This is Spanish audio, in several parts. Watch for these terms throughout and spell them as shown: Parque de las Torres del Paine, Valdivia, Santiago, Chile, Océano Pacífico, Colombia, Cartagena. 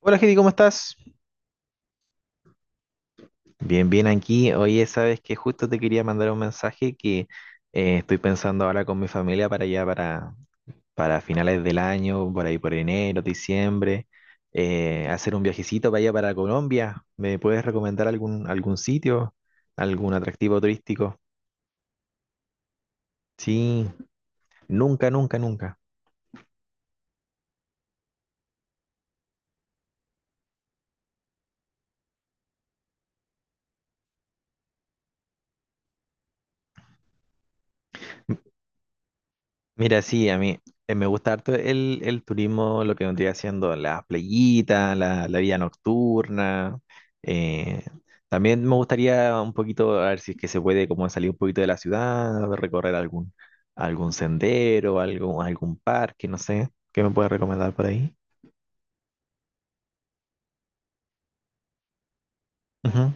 Hola, Heidi, ¿cómo estás? Bien, bien aquí. Oye, sabes que justo te quería mandar un mensaje que estoy pensando ahora con mi familia para allá, para finales del año, por ahí por enero, diciembre, hacer un viajecito para allá para Colombia. ¿Me puedes recomendar algún sitio, algún atractivo turístico? Sí, nunca, nunca, nunca. Mira, sí, a mí me gusta harto el turismo, lo que vendría haciendo las playitas, la vida nocturna. eh, También me gustaría un poquito, a ver si es que se puede como salir un poquito de la ciudad, recorrer algún sendero, algún parque, no sé. ¿Qué me puedes recomendar por ahí? Ujú.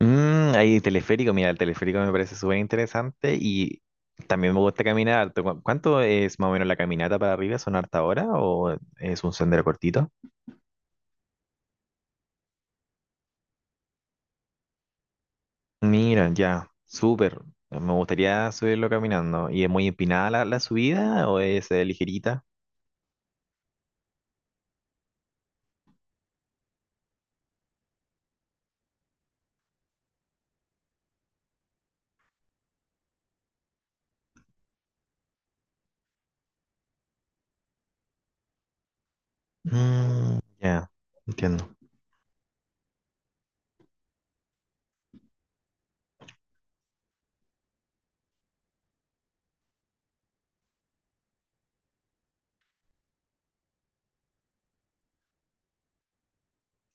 Mm, ahí teleférico, mira, el teleférico me parece súper interesante y también me gusta caminar harto. ¿Cuánto es más o menos la caminata para arriba? ¿Son harta hora o es un sendero cortito? Mira, ya, súper. Me gustaría subirlo caminando. ¿Y es muy empinada la subida o es ligerita? Mm, ya, entiendo.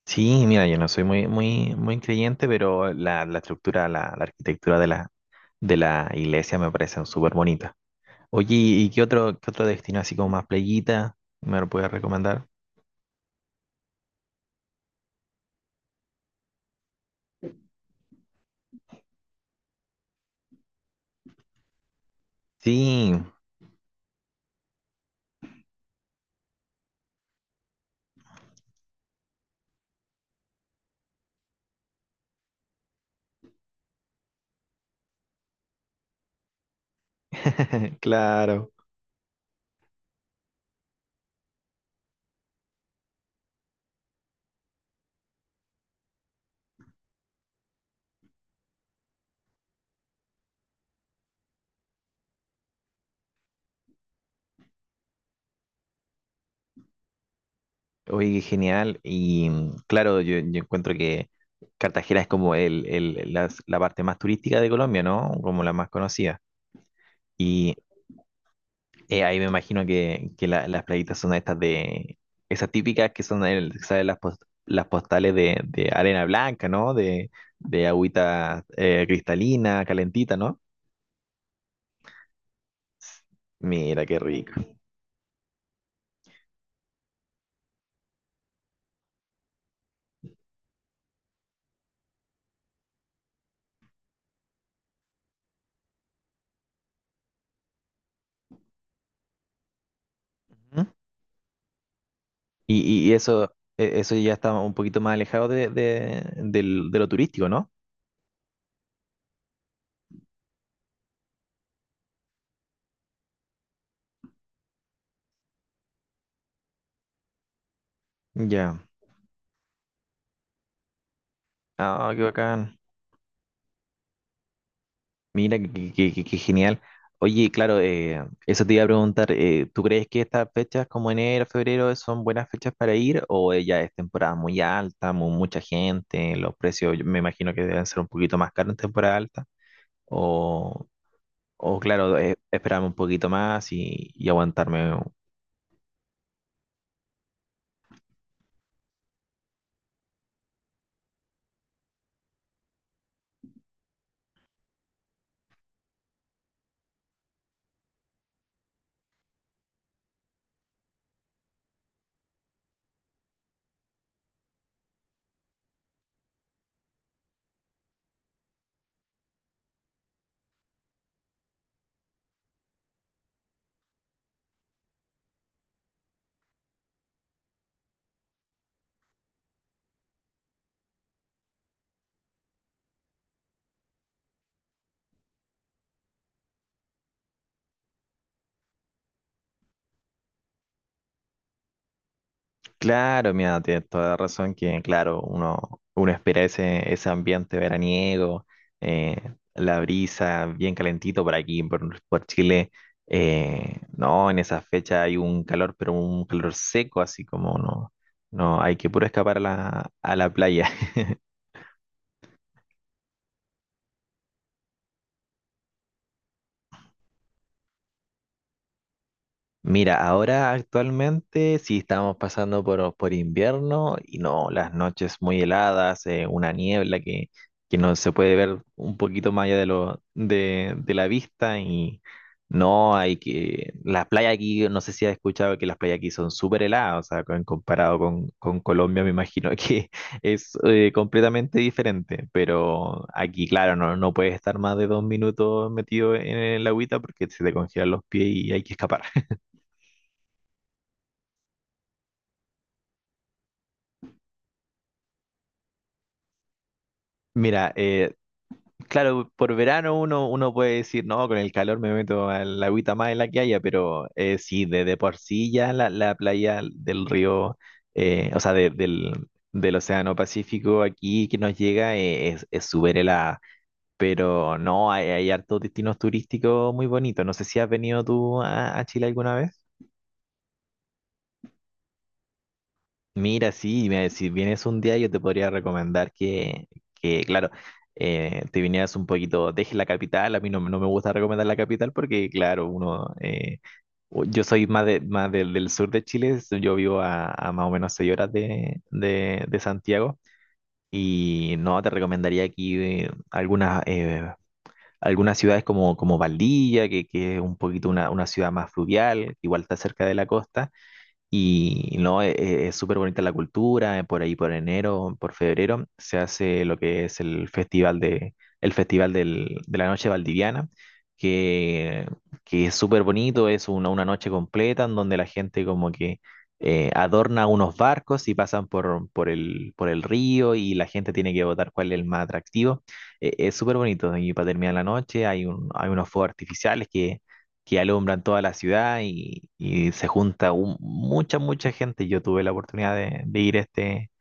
Sí, mira, yo no soy muy, muy, muy creyente, pero la estructura, la arquitectura de la iglesia me parecen súper bonita. Oye, ¿y qué otro destino así como más playita me lo puedes recomendar? Sí, claro. Oye, qué genial. Y mm, claro, yo encuentro que Cartagena es como la parte más turística de Colombia, ¿no? Como la más conocida. Y ahí me imagino que las playitas son estas de, esas típicas que son, el, ¿sabes? Las postales de arena blanca, ¿no? De agüita cristalina, calentita, ¿no? Mira, qué rico. ¿Mm? Y eso, eso ya está un poquito más alejado de lo turístico, ¿no? Ya. Ah, qué bacán. Mira, qué, qué genial. Oye, claro, eso te iba a preguntar, ¿tú crees que estas fechas como enero, febrero son buenas fechas para ir o ya es temporada muy alta, mucha gente, los precios yo me imagino que deben ser un poquito más caros en temporada alta? O, o claro, esperarme un poquito más y aguantarme. Claro, mira, tienes toda la razón que, claro, uno, uno espera ese, ese ambiente veraniego, eh, la brisa bien calentito por aquí, por Chile. No, en esa fecha hay un calor, pero un calor seco, así como no, no, hay que puro escapar a la playa. Mira, ahora actualmente sí estamos pasando por invierno y no, las noches muy heladas, una niebla que no se puede ver un poquito más allá de, lo, de la vista y no hay que... Las playas aquí, no sé si has escuchado que las playas aquí son súper heladas, o sea, comparado con Colombia me imagino que es completamente diferente, pero aquí claro, no, no puedes estar más de dos minutos metido en el agüita porque se te congelan los pies y hay que escapar. Mira, claro, por verano uno, uno puede decir, no, con el calor me meto a la agüita más en la que haya, pero sí, de por sí ya la playa del río, o sea, del Océano Pacífico aquí que nos llega es súper helada, pero no, hay hartos destinos turísticos muy bonitos. No sé si has venido tú a Chile alguna vez. Mira, sí, mira, si vienes un día yo te podría recomendar que claro, te vinieras un poquito, dejes la capital, a mí no, no me gusta recomendar la capital porque, claro, uno, yo soy más, de, más del, del sur de Chile, yo vivo a más o menos seis horas de Santiago y no, te recomendaría aquí algunas, algunas ciudades como, como Valdivia, que es un poquito una ciudad más fluvial, igual está cerca de la costa y no, es súper bonita la cultura, por ahí por enero, por febrero, se hace lo que es el festival de, el festival de la noche valdiviana, que, que es súper bonito, es una noche completa en donde la gente como que adorna unos barcos y pasan por el río y la gente tiene que votar cuál es el más atractivo. Es súper bonito y para terminar la noche hay, hay unos fuegos artificiales que alumbran toda la ciudad y se junta mucha, mucha gente. Yo tuve la oportunidad de ir a este,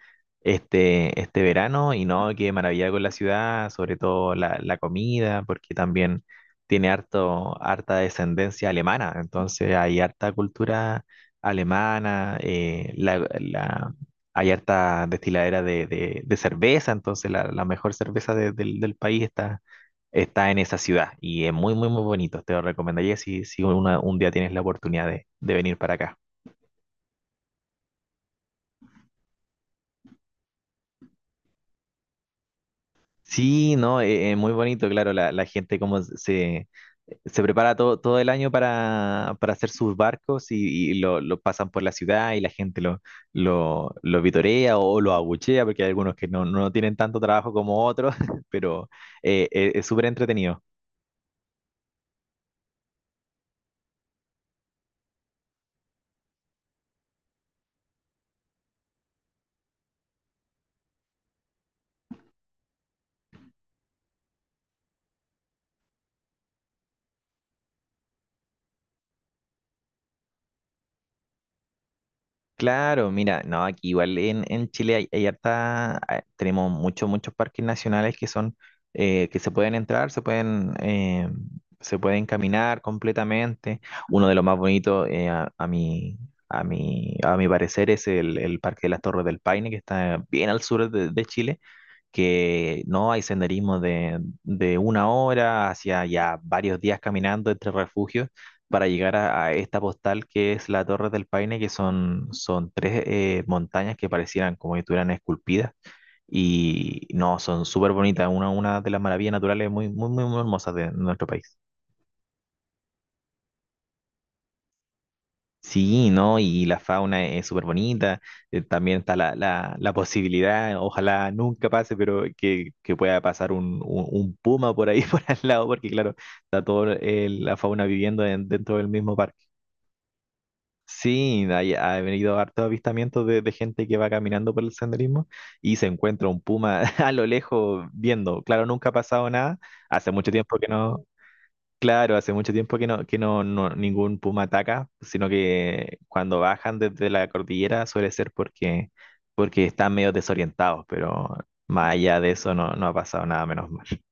este, este verano y no, qué maravilla con la ciudad, sobre todo la comida, porque también tiene harto, harta descendencia alemana, entonces hay harta cultura alemana, hay harta destiladera de, de cerveza, entonces la mejor cerveza del país está, está en esa ciudad y es muy, muy, muy bonito, te lo recomendaría si, un día tienes la oportunidad de venir para acá. Sí, no, muy bonito, claro, la gente como se prepara todo, todo el año para hacer sus barcos y lo pasan por la ciudad y la gente lo, lo vitorea o lo abuchea, porque hay algunos que no, no tienen tanto trabajo como otros, pero es súper entretenido. Claro, mira, no, aquí igual en Chile hay, hay harta, ah, tenemos muchos, muchos parques nacionales que son, que se pueden entrar, se pueden caminar completamente. Uno de los más bonitos, a, a mi parecer, es el Parque de las Torres del Paine, que está bien al sur de Chile, que no hay senderismo de una hora hacia ya varios días caminando entre refugios para llegar a esta postal que es la Torre del Paine, que son, son tres montañas que parecieran como si estuvieran esculpidas y no, son súper bonitas, una de las maravillas naturales muy, muy, muy, muy hermosas de nuestro país. Sí, ¿no? Y la fauna es súper bonita. También está la posibilidad, ojalá nunca pase, pero que pueda pasar un puma por ahí, por al lado, porque claro, está toda la fauna viviendo dentro del mismo parque. Sí, hay, ha venido hartos avistamientos de gente que va caminando por el senderismo y se encuentra un puma a lo lejos viendo. Claro, nunca ha pasado nada. Hace mucho tiempo que no, claro, hace mucho tiempo que no, ningún puma ataca, sino que cuando bajan desde la cordillera suele ser porque, porque están medio desorientados, pero más allá de eso no, no ha pasado nada, menos mal.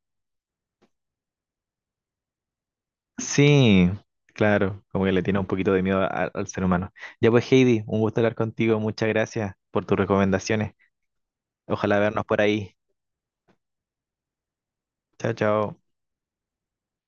Sí, claro, como que le tiene un poquito de miedo al ser humano. Ya pues, Heidi, un gusto hablar contigo, muchas gracias por tus recomendaciones. Ojalá vernos por ahí. Chao, chao.